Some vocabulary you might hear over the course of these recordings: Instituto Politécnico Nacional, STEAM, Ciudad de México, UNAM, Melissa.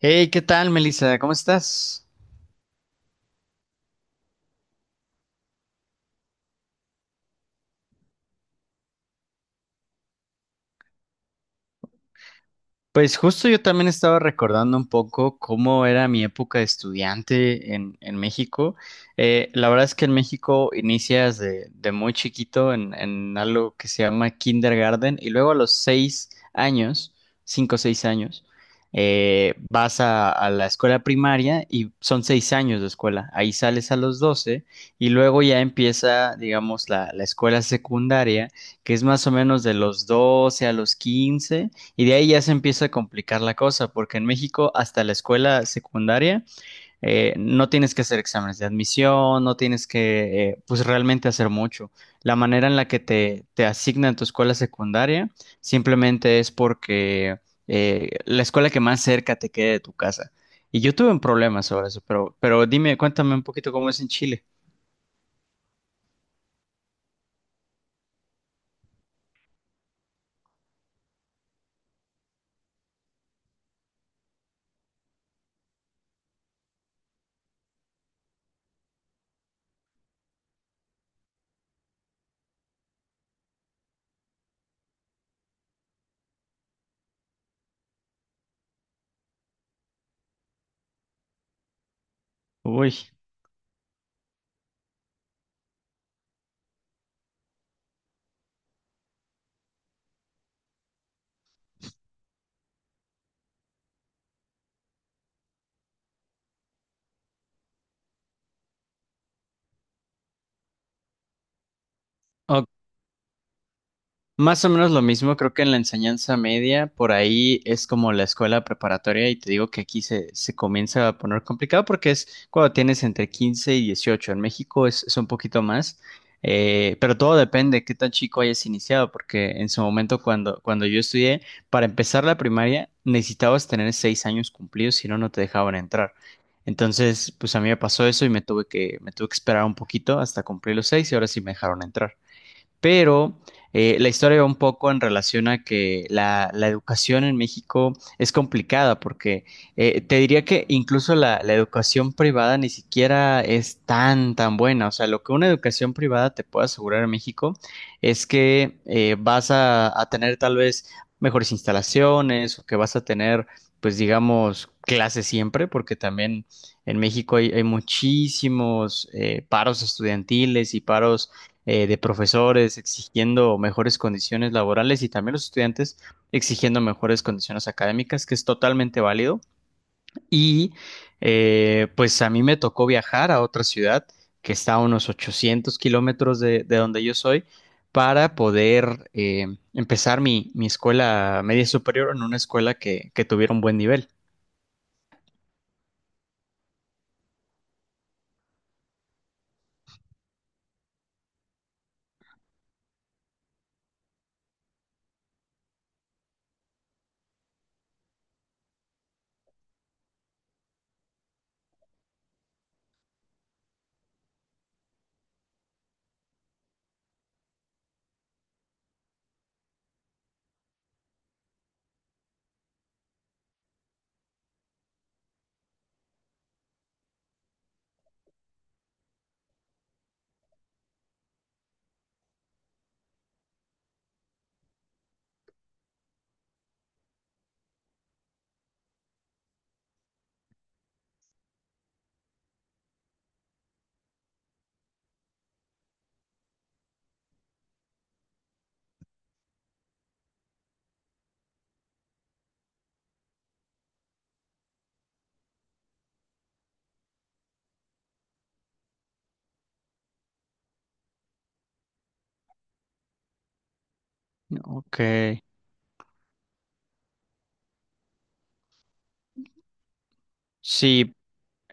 Hey, ¿qué tal, Melissa? ¿Cómo estás? Pues justo yo también estaba recordando un poco cómo era mi época de estudiante en México. La verdad es que en México inicias de muy chiquito en algo que se llama kindergarten y luego a los 6 años, cinco o 6 años, vas a la escuela primaria y son 6 años de escuela. Ahí sales a los 12 y luego ya empieza, digamos, la escuela secundaria, que es más o menos de los 12 a los 15, y de ahí ya se empieza a complicar la cosa, porque en México hasta la escuela secundaria no tienes que hacer exámenes de admisión, no tienes que pues realmente hacer mucho. La manera en la que te asignan tu escuela secundaria simplemente es porque la escuela que más cerca te quede de tu casa. Y yo tuve un problema sobre eso, pero dime, cuéntame un poquito cómo es en Chile. Uy. Más o menos lo mismo, creo que en la enseñanza media, por ahí es como la escuela preparatoria y te digo que aquí se comienza a poner complicado porque es cuando tienes entre 15 y 18, en México es un poquito más, pero todo depende de qué tan chico hayas iniciado, porque en su momento cuando yo estudié, para empezar la primaria necesitabas tener 6 años cumplidos, si no, no te dejaban entrar. Entonces, pues a mí me pasó eso y me tuve que esperar un poquito hasta cumplir los 6 y ahora sí me dejaron entrar, pero la historia va un poco en relación a que la educación en México es complicada, porque te diría que incluso la educación privada ni siquiera es tan, tan buena. O sea, lo que una educación privada te puede asegurar en México es que vas a tener tal vez mejores instalaciones o que vas a tener, pues digamos, clases siempre, porque también en México hay, hay muchísimos paros estudiantiles y paros de profesores exigiendo mejores condiciones laborales y también los estudiantes exigiendo mejores condiciones académicas, que es totalmente válido. Y pues a mí me tocó viajar a otra ciudad que está a unos 800 kilómetros de donde yo soy para poder empezar mi escuela media superior en una escuela que tuviera un buen nivel. Ok. Sí.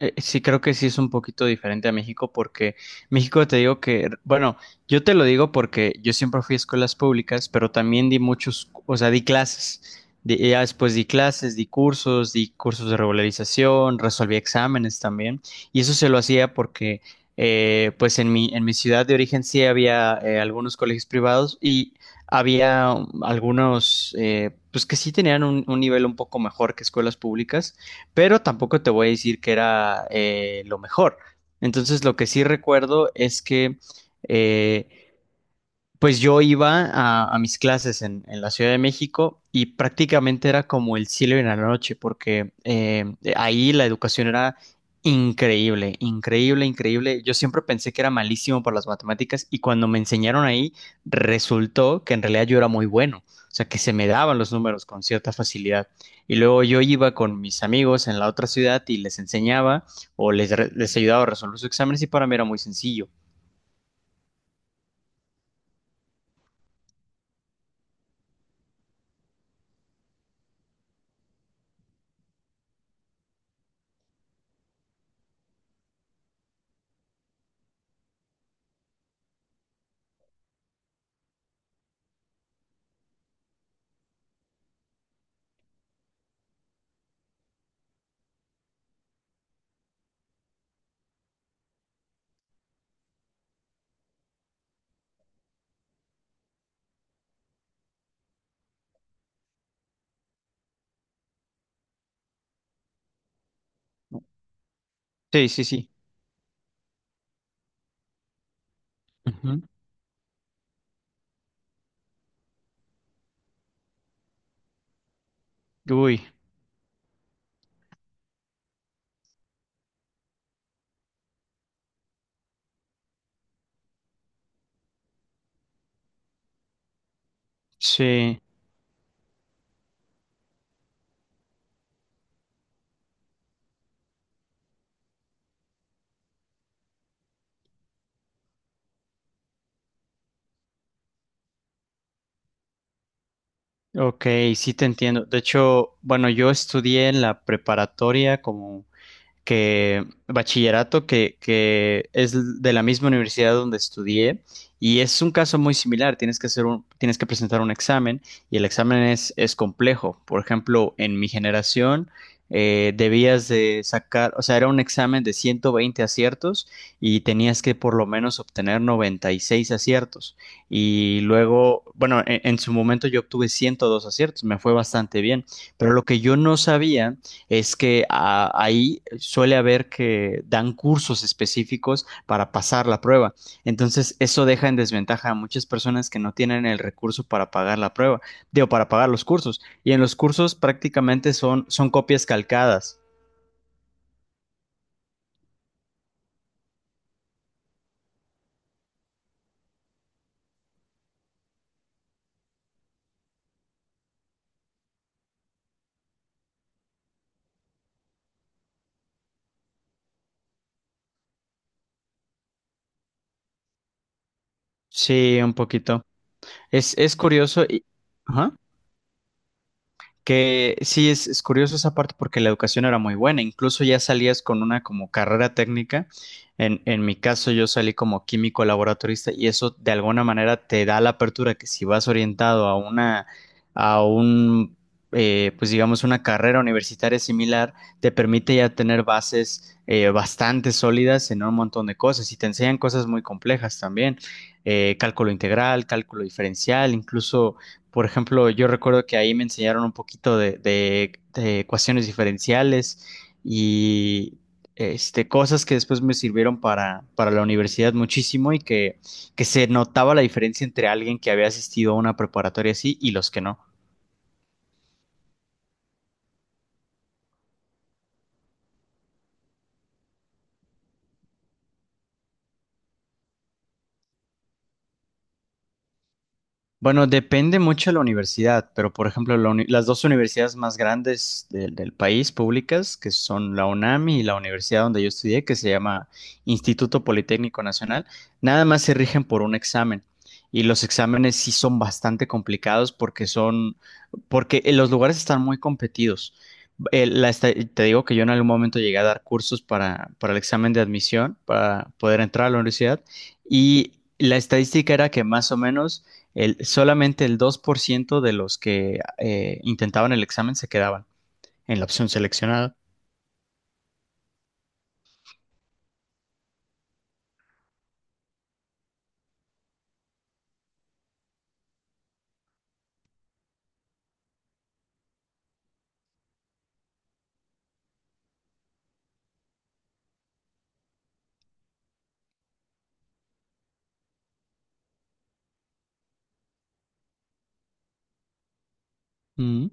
Sí, creo que sí es un poquito diferente a México porque México te digo que, bueno, yo te lo digo porque yo siempre fui a escuelas públicas, pero también di muchos, o sea, di clases. Ya después di clases, di cursos de regularización, resolví exámenes también. Y eso se lo hacía porque, pues en mi ciudad de origen sí había algunos colegios privados y había algunos, pues que sí tenían un nivel un poco mejor que escuelas públicas, pero tampoco te voy a decir que era lo mejor. Entonces, lo que sí recuerdo es que eh, pues yo iba a mis clases en la Ciudad de México y prácticamente era como el cielo en la noche, porque ahí la educación era increíble, increíble, increíble. Yo siempre pensé que era malísimo por las matemáticas y cuando me enseñaron ahí resultó que en realidad yo era muy bueno, o sea, que se me daban los números con cierta facilidad. Y luego yo iba con mis amigos en la otra ciudad y les enseñaba o les ayudaba a resolver sus exámenes y para mí era muy sencillo. Sí, sí, sí. Ujú. Uy. Sí, ok, sí te entiendo. De hecho, bueno, yo estudié en la preparatoria como que bachillerato que es de la misma universidad donde estudié y es un caso muy similar. Tienes que hacer un, tienes que presentar un examen y el examen es complejo. Por ejemplo, en mi generación debías de sacar, o sea, era un examen de 120 aciertos y tenías que por lo menos obtener 96 aciertos. Y luego, bueno, en su momento yo obtuve 102 aciertos, me fue bastante bien, pero lo que yo no sabía es que ahí suele haber que dan cursos específicos para pasar la prueba. Entonces, eso deja en desventaja a muchas personas que no tienen el recurso para pagar la prueba, digo, para pagar los cursos. Y en los cursos prácticamente son, son copias calcadas. Sí, un poquito. Es curioso y... ajá. Que sí, es curioso esa parte porque la educación era muy buena, incluso ya salías con una como carrera técnica. En mi caso yo salí como químico laboratorista y eso de alguna manera te da la apertura que si vas orientado a una, a un, pues digamos, una carrera universitaria similar, te permite ya tener bases bastante sólidas en un montón de cosas y te enseñan cosas muy complejas también, cálculo integral, cálculo diferencial, incluso por ejemplo, yo recuerdo que ahí me enseñaron un poquito de ecuaciones diferenciales y este, cosas que después me sirvieron para la universidad muchísimo y que se notaba la diferencia entre alguien que había asistido a una preparatoria así y los que no. Bueno, depende mucho de la universidad, pero por ejemplo, las dos universidades más grandes del país públicas, que son la UNAM y la universidad donde yo estudié, que se llama Instituto Politécnico Nacional, nada más se rigen por un examen. Y los exámenes sí son bastante complicados porque son, porque los lugares están muy competidos. Te digo que yo en algún momento llegué a dar cursos para el examen de admisión, para poder entrar a la universidad, y la estadística era que más o menos el, solamente el 2% de los que intentaban el examen se quedaban en la opción seleccionada. Mm.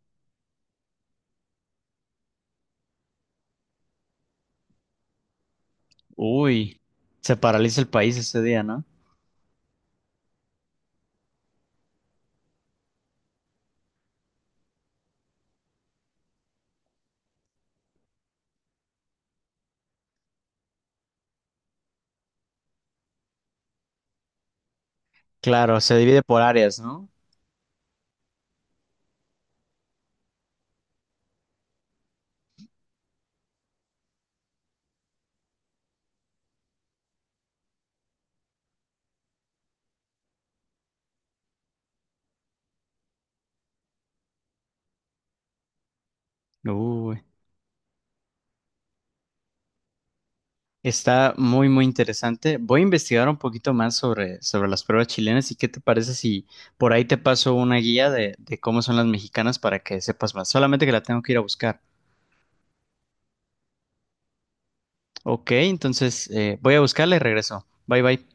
Uy, se paraliza el país ese día, ¿no? Claro, se divide por áreas, ¿no? Uy, está muy, muy interesante. Voy a investigar un poquito más sobre, sobre las pruebas chilenas y qué te parece si por ahí te paso una guía de cómo son las mexicanas para que sepas más. Solamente que la tengo que ir a buscar. Ok, entonces voy a buscarla y regreso. Bye, bye.